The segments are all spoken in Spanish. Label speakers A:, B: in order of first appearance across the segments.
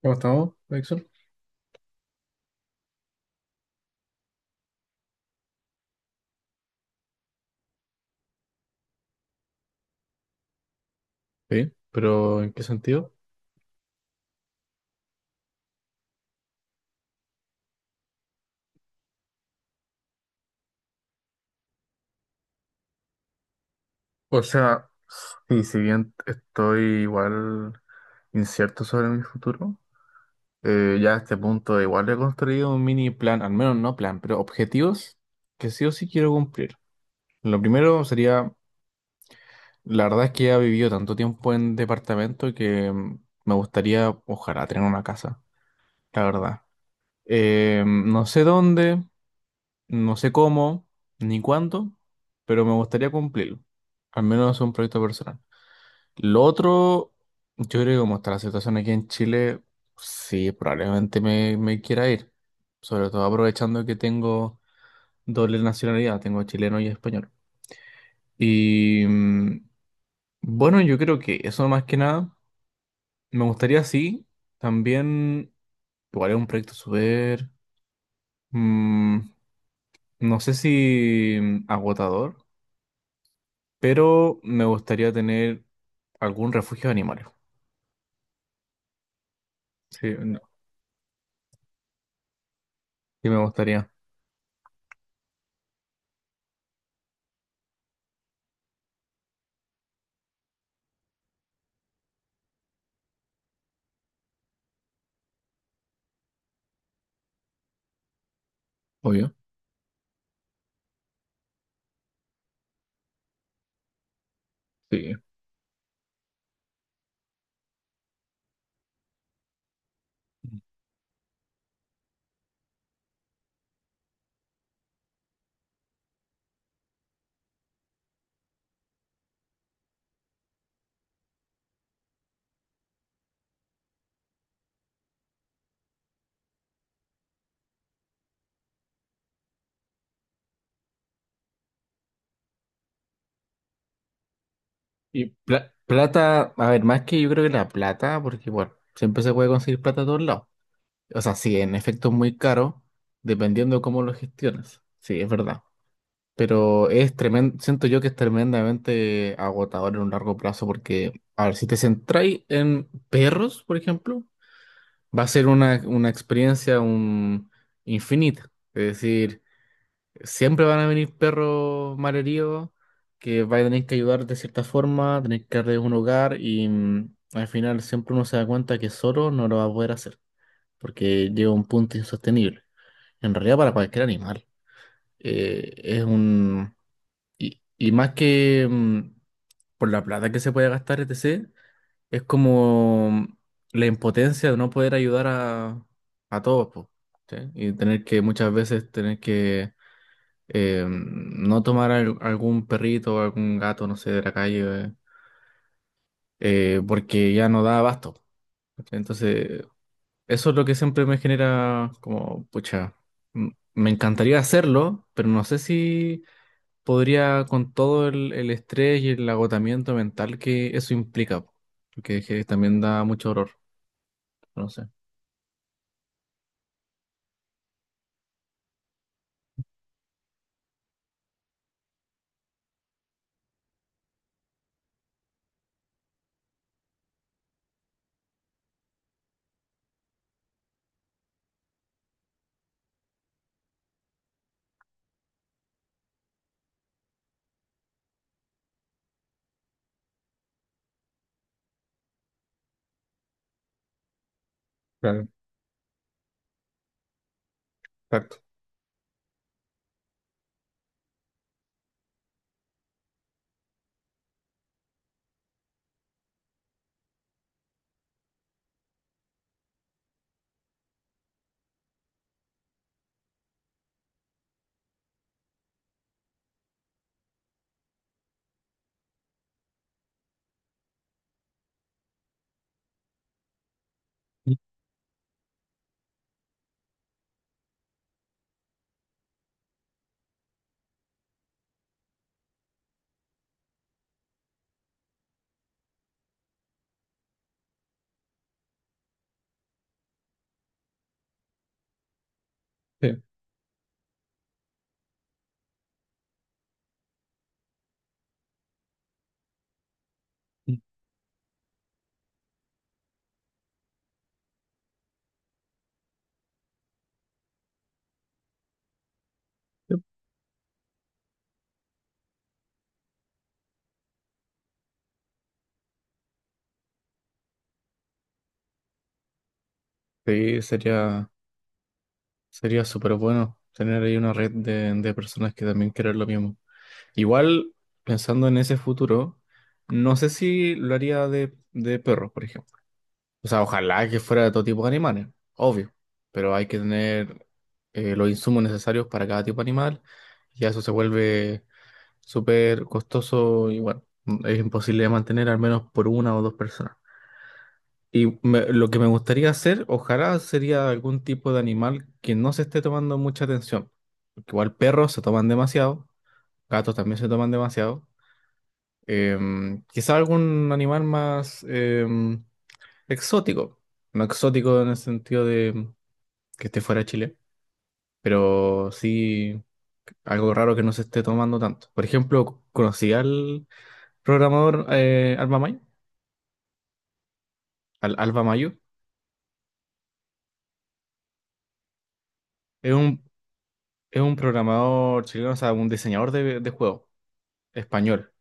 A: ¿Cómo estamos, Dixon? Sí, pero ¿en qué sentido? O sea, y si bien estoy igual incierto sobre mi futuro, ya a este punto igual he construido un mini plan, al menos no plan, pero objetivos que sí o sí quiero cumplir. Lo primero sería, la verdad es que he vivido tanto tiempo en departamento que me gustaría, ojalá, tener una casa, la verdad. No sé dónde, no sé cómo ni cuánto, pero me gustaría cumplirlo. Al menos es un proyecto personal. Lo otro, yo creo que como está la situación aquí en Chile, sí, probablemente me quiera ir. Sobre todo aprovechando que tengo doble nacionalidad, tengo chileno y español. Y bueno, yo creo que eso más que nada, me gustaría sí, también, igual es un proyecto súper, mm, no sé si agotador, pero me gustaría tener algún refugio de animales. Sí, no, sí me gustaría, obvio. Sí. Y plata, a ver, más que yo creo que la plata, porque bueno, siempre se puede conseguir plata a todos lados. O sea, sí, en efecto es muy caro, dependiendo de cómo lo gestiones. Sí, es verdad. Pero es tremendo, siento yo que es tremendamente agotador en un largo plazo, porque, a ver, si te centráis en perros, por ejemplo, va a ser una experiencia un, infinita. Es decir, siempre van a venir perros malheridos que va a tener que ayudar de cierta forma, tener que darles un hogar y al final siempre uno se da cuenta que solo no lo va a poder hacer porque llega a un punto insostenible. En realidad para cualquier animal es un... Y más que por la plata que se puede gastar, etc., es como la impotencia de no poder ayudar a todos, po, ¿sí? Y tener que muchas veces tener que no tomar algún perrito o algún gato, no sé, de la calle, porque ya no da abasto. ¿Cachai? Entonces, eso es lo que siempre me genera como, pucha, me encantaría hacerlo, pero no sé si podría con todo el estrés y el agotamiento mental que eso implica, porque que también da mucho horror, no sé. Claro, exacto. Sí, sí, sería súper bueno tener ahí una red de personas que también quieran lo mismo. Igual, pensando en ese futuro, no sé si lo haría de perros, por ejemplo. O sea, ojalá que fuera de todo tipo de animales, obvio, pero hay que tener los insumos necesarios para cada tipo de animal y eso se vuelve súper costoso y bueno, es imposible de mantener al menos por una o dos personas. Y lo que me gustaría hacer, ojalá, sería algún tipo de animal que no se esté tomando mucha atención. Porque igual perros se toman demasiado, gatos también se toman demasiado. Quizá algún animal más exótico. No exótico en el sentido de que esté fuera de Chile, pero sí algo raro que no se esté tomando tanto. Por ejemplo, conocí al programador Alba Mayo. Al, Alba Mayo. Es un, es un programador chileno, o sea, un diseñador de juegos español.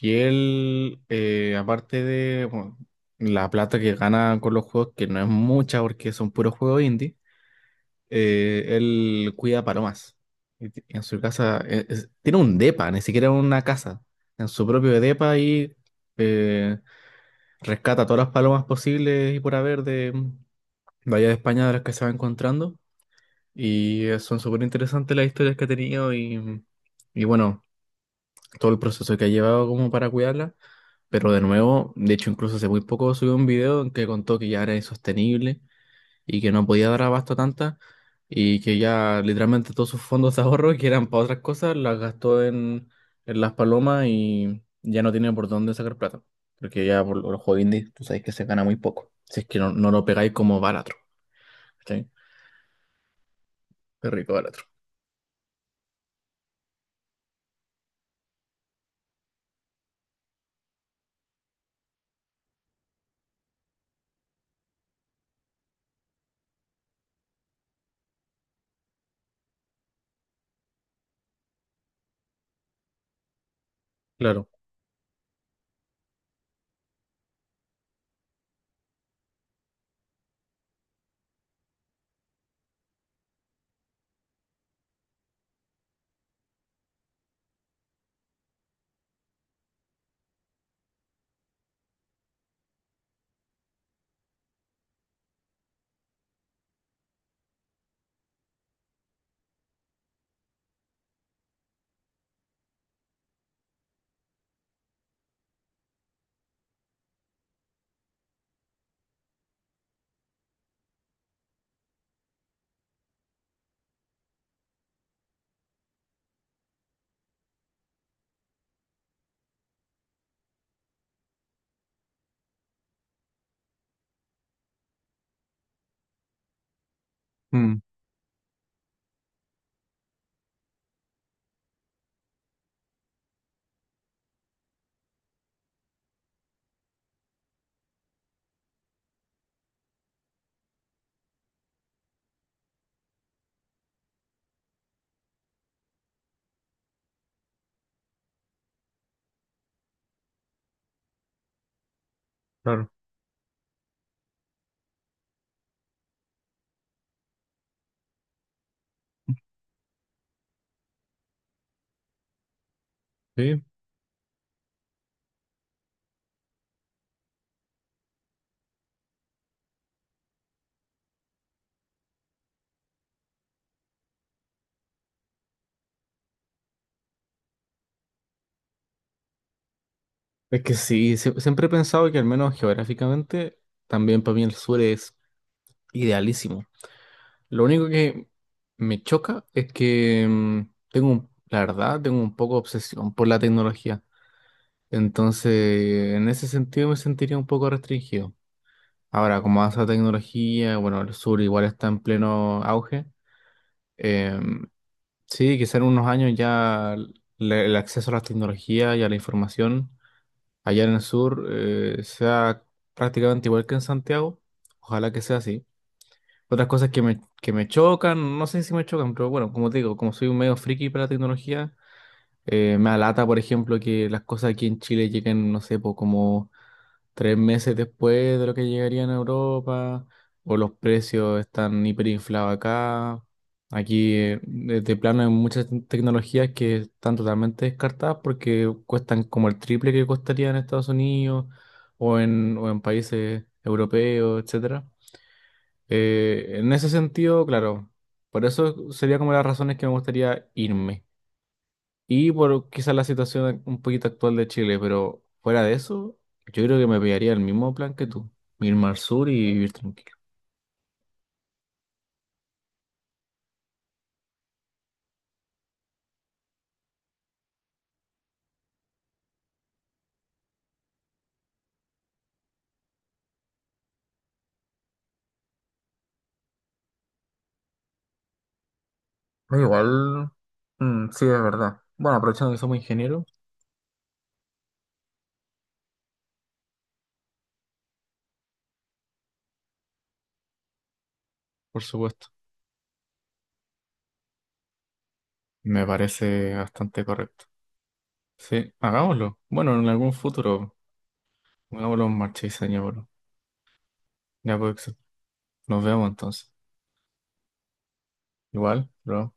A: Y él, aparte de bueno, la plata que gana con los juegos, que no es mucha porque son puros juegos indie. Él cuida palomas. Y en su casa, tiene un depa, ni siquiera una casa. En su propio depa y eh, rescata todas las palomas posibles y por haber de allá de España de las que se va encontrando. Y son súper interesantes las historias que ha tenido y, y bueno, todo el proceso que ha llevado como para cuidarla. Pero de nuevo, de hecho incluso hace muy poco subió un video en que contó que ya era insostenible y que no podía dar abasto a tantas y que ya literalmente todos sus fondos de ahorro que eran para otras cosas las gastó en las palomas y ya no tiene por dónde sacar plata. Porque ya por los juegos indies tú sabes que se gana muy poco. Si es que no, no lo pegáis como Balatro. ¿Cachai? Qué rico Balatro. Claro, mm, claro, sí. Es que sí, siempre he pensado que al menos geográficamente, también para mí el sur es idealísimo. Lo único que me choca es que tengo, la verdad, tengo un poco de obsesión por la tecnología. Entonces, en ese sentido me sentiría un poco restringido. Ahora, como avanza la tecnología, bueno, el sur igual está en pleno auge. eh, sí, quizá en unos años ya el acceso a las tecnologías y a la información allá en el sur sea prácticamente igual que en Santiago. Ojalá que sea así. Otras cosas que que me chocan, no sé si me chocan, pero bueno, como te digo, como soy un medio friki para la tecnología, me alata, por ejemplo, que las cosas aquí en Chile lleguen, no sé, po, como 3 meses después de lo que llegaría en Europa, o los precios están hiperinflados acá. Aquí, de plano, hay muchas tecnologías que están totalmente descartadas porque cuestan como el triple que costaría en Estados Unidos o en países europeos, etcétera. En ese sentido, claro, por eso sería como las razones que me gustaría irme. Y por quizás la situación un poquito actual de Chile, pero fuera de eso, yo creo que me pegaría el mismo plan que tú, irme al sur y vivir tranquilo. Igual, sí, es verdad. Bueno, aprovechando que somos ingenieros, por supuesto. Me parece bastante correcto. Sí, hagámoslo. Bueno, en algún futuro, hagámoslo en marcha y señor. Ya puede ser. Nos vemos entonces. Igual, bro.